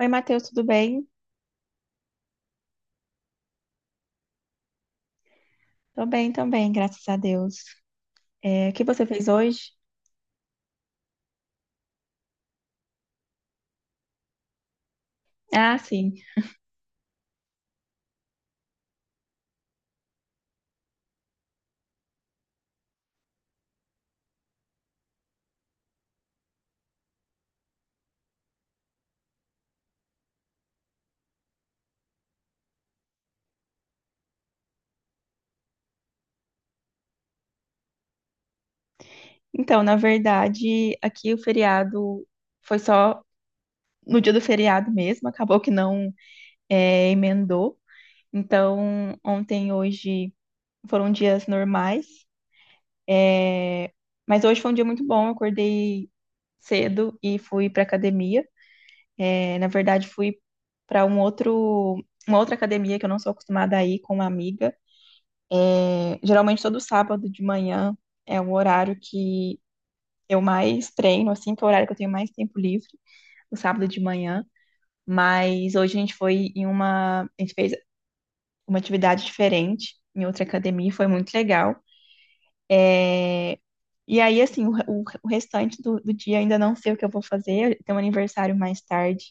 Oi, Matheus, tudo bem? Tô bem também, graças a Deus. É, o que você fez hoje? Ah, sim. Então, na verdade, aqui o feriado foi só no dia do feriado mesmo, acabou que não emendou. Então, ontem e hoje foram dias normais, é, mas hoje foi um dia muito bom. Eu acordei cedo e fui pra academia. Na verdade, fui para um outro, uma outra academia que eu não sou acostumada a ir com uma amiga. Geralmente todo sábado de manhã é o horário que eu mais treino, assim, que é o horário que eu tenho mais tempo livre, no sábado de manhã. Mas hoje a gente fez uma atividade diferente em outra academia, foi muito legal. E aí, assim, o restante do dia ainda não sei o que eu vou fazer. Tem um aniversário mais tarde,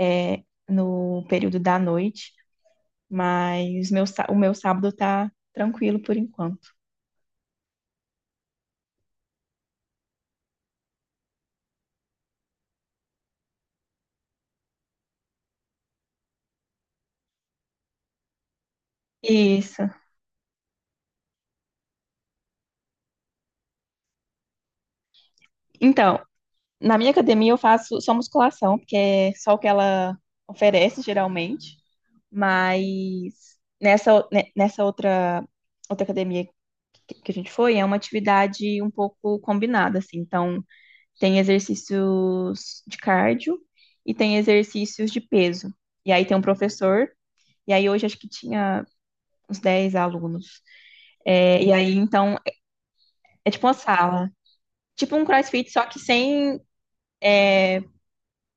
é, no período da noite, mas o meu sábado tá tranquilo por enquanto. Isso. Então, na minha academia eu faço só musculação, porque é só o que ela oferece geralmente. Mas nessa outra, academia que a gente foi, é uma atividade um pouco combinada, assim. Então, tem exercícios de cardio e tem exercícios de peso. E aí tem um professor, e aí hoje acho que tinha uns 10 alunos. É, e aí, então, é tipo uma sala. Tipo um CrossFit, só que sem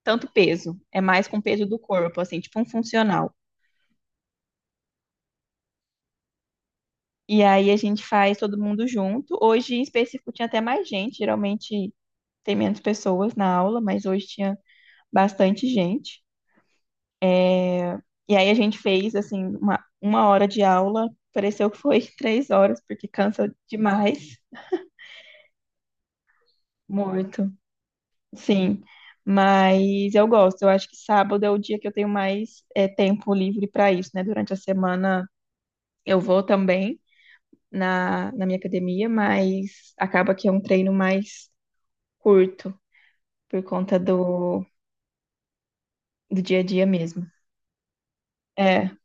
tanto peso, é mais com o peso do corpo, assim, tipo um funcional. E aí a gente faz todo mundo junto. Hoje, em específico, tinha até mais gente, geralmente tem menos pessoas na aula, mas hoje tinha bastante gente. E aí a gente fez, assim, uma hora de aula, pareceu que foi 3 horas, porque cansa demais, muito, sim. Mas eu gosto, eu acho que sábado é o dia que eu tenho mais tempo livre para isso, né? Durante a semana eu vou também, na minha academia, mas acaba que é um treino mais curto por conta do dia a dia mesmo. É,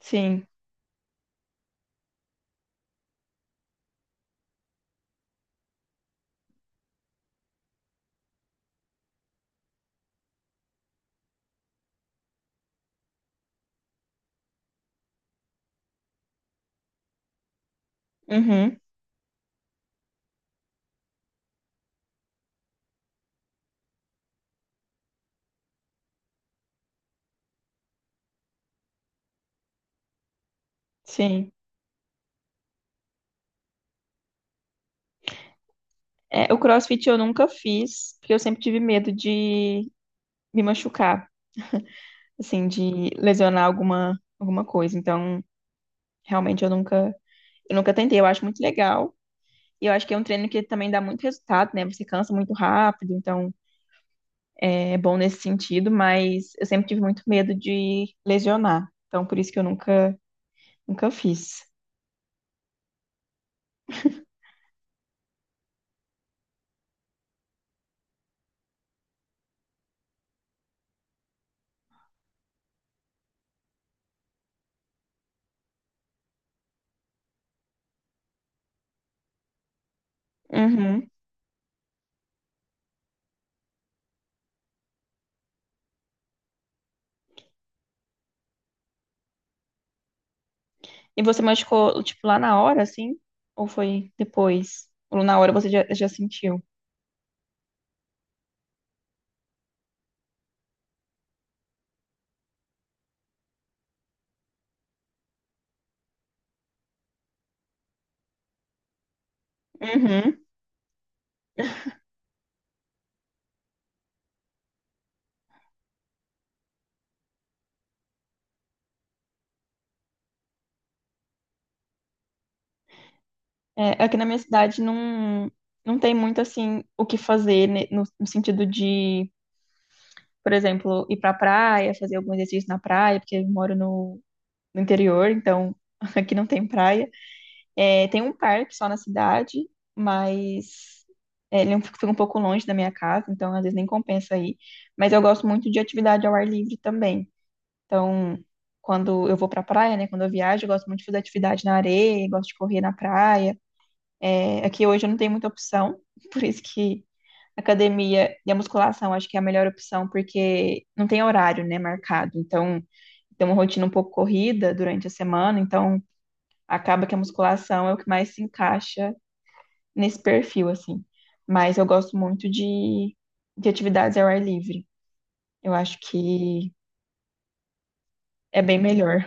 sim. Uhum, sim. É, o CrossFit eu nunca fiz, porque eu sempre tive medo de me machucar, assim, de lesionar alguma coisa. Então, realmente eu nunca tentei. Eu acho muito legal. E eu acho que é um treino que também dá muito resultado, né? Você cansa muito rápido, então é bom nesse sentido, mas eu sempre tive muito medo de lesionar. Então, por isso que eu nunca fiz. Uhum. E você machucou, tipo, lá na hora, assim? Ou foi depois? Ou na hora você já sentiu? Uhum. É, aqui na minha cidade não tem muito, assim, o que fazer, né, no sentido de, por exemplo, ir pra praia, fazer algum exercício na praia, porque eu moro no interior, então aqui não tem praia. É, tem um parque só na cidade, mas ele fica um pouco longe da minha casa, então às vezes nem compensa ir. Mas eu gosto muito de atividade ao ar livre também. Então, quando eu vou pra praia, né? Quando eu viajo, eu gosto muito de fazer atividade na areia, gosto de correr na praia. É, aqui hoje eu não tenho muita opção, por isso que a academia e a musculação acho que é a melhor opção, porque não tem horário, né, marcado. Então, tem uma rotina um pouco corrida durante a semana, então acaba que a musculação é o que mais se encaixa nesse perfil, assim. Mas eu gosto muito de atividades ao ar livre. Eu acho que é bem melhor.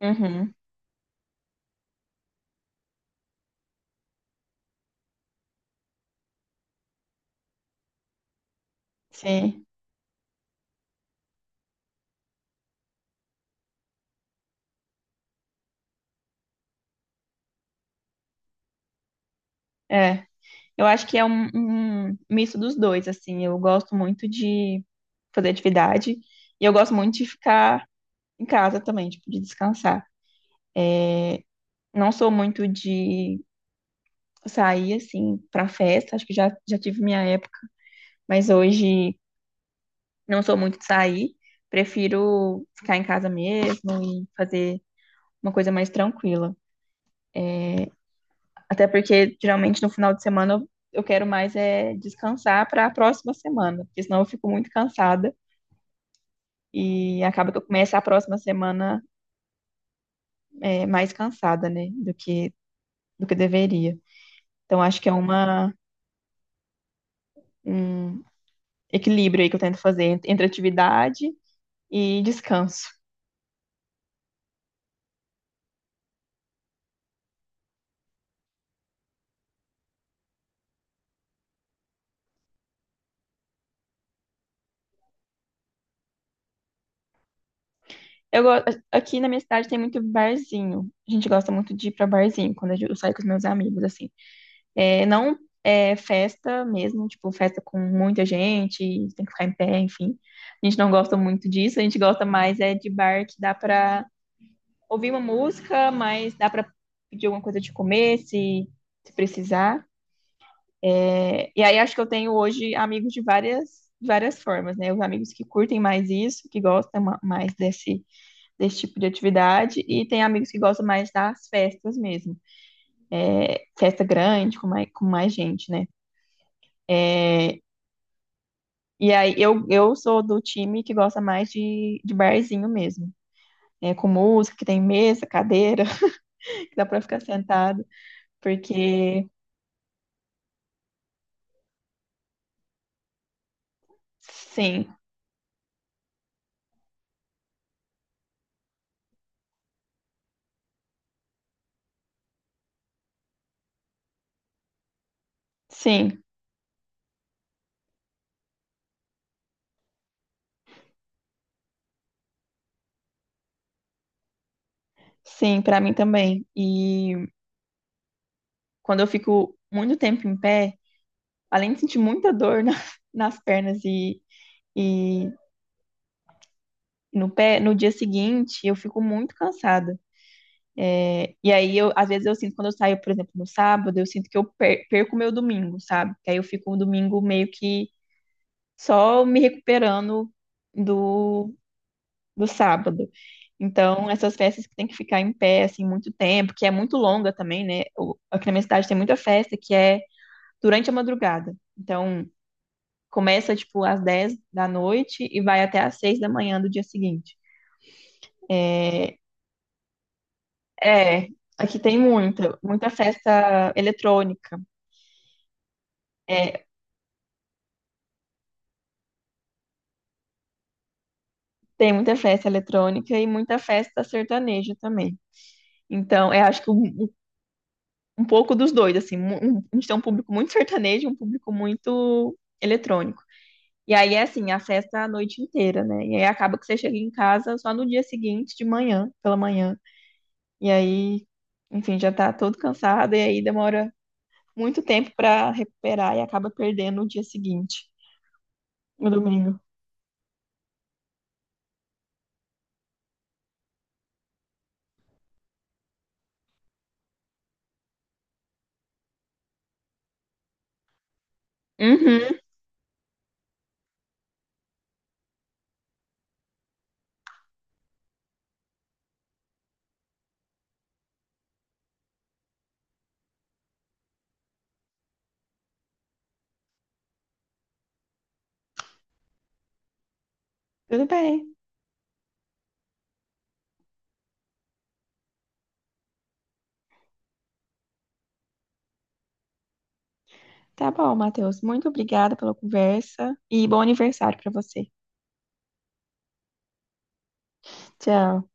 Uhum, sim, é. Eu acho que é um misto dos dois, assim. Eu gosto muito de fazer atividade e eu gosto muito de ficar em casa também, tipo, de descansar. Não sou muito de sair, assim, pra festa. Acho que já tive minha época, mas hoje não sou muito de sair. Prefiro ficar em casa mesmo e fazer uma coisa mais tranquila. Até porque geralmente no final de semana eu quero mais é descansar para a próxima semana, porque senão eu fico muito cansada e acaba que eu começo a próxima semana mais cansada, né, do que deveria. Então acho que é uma um equilíbrio aí que eu tento fazer entre atividade e descanso. Eu go- aqui na minha cidade tem muito barzinho. A gente gosta muito de ir para barzinho quando eu saio com os meus amigos assim. É, não é festa mesmo, tipo, festa com muita gente, tem que ficar em pé, enfim. A gente não gosta muito disso, a gente gosta mais é de bar que dá pra ouvir uma música, mas dá pra pedir alguma coisa de comer, se precisar. É, e aí acho que eu tenho hoje amigos de várias formas, né? Os amigos que curtem mais isso, que gostam mais desse tipo de atividade, e tem amigos que gostam mais das festas mesmo. Festa grande, com mais gente, né? É, e aí, eu sou do time que gosta mais de barzinho mesmo. É, com música, que tem mesa, cadeira, que dá pra ficar sentado. Porque, sim, sim, sim, pra mim também. E quando eu fico muito tempo em pé, além de sentir muita dor nas pernas e no pé, no dia seguinte, eu fico muito cansada. É, e aí, eu, às vezes eu sinto, quando eu saio, por exemplo, no sábado, eu sinto que eu perco o meu domingo, sabe? Que aí eu fico um domingo meio que só me recuperando do, do sábado. Então, essas festas que tem que ficar em pé, assim, muito tempo, que é muito longa também, né? Aqui na minha cidade tem muita festa que é durante a madrugada. Então, começa, tipo, às 10 da noite e vai até às 6 da manhã do dia seguinte. É, é, aqui tem muita, muita festa eletrônica. É, tem muita festa eletrônica e muita festa sertaneja também. Então, eu acho que um pouco dos dois, assim, a gente tem um público muito sertanejo, e um público muito eletrônico. E aí é assim, a festa a noite inteira, né? E aí acaba que você chega em casa só no dia seguinte, de manhã, pela manhã. E aí, enfim, já tá todo cansado e aí demora muito tempo pra recuperar e acaba perdendo o dia seguinte, no domingo. Uhum, tudo bem. Tá bom, Matheus. Muito obrigada pela conversa e bom aniversário pra você. Tchau.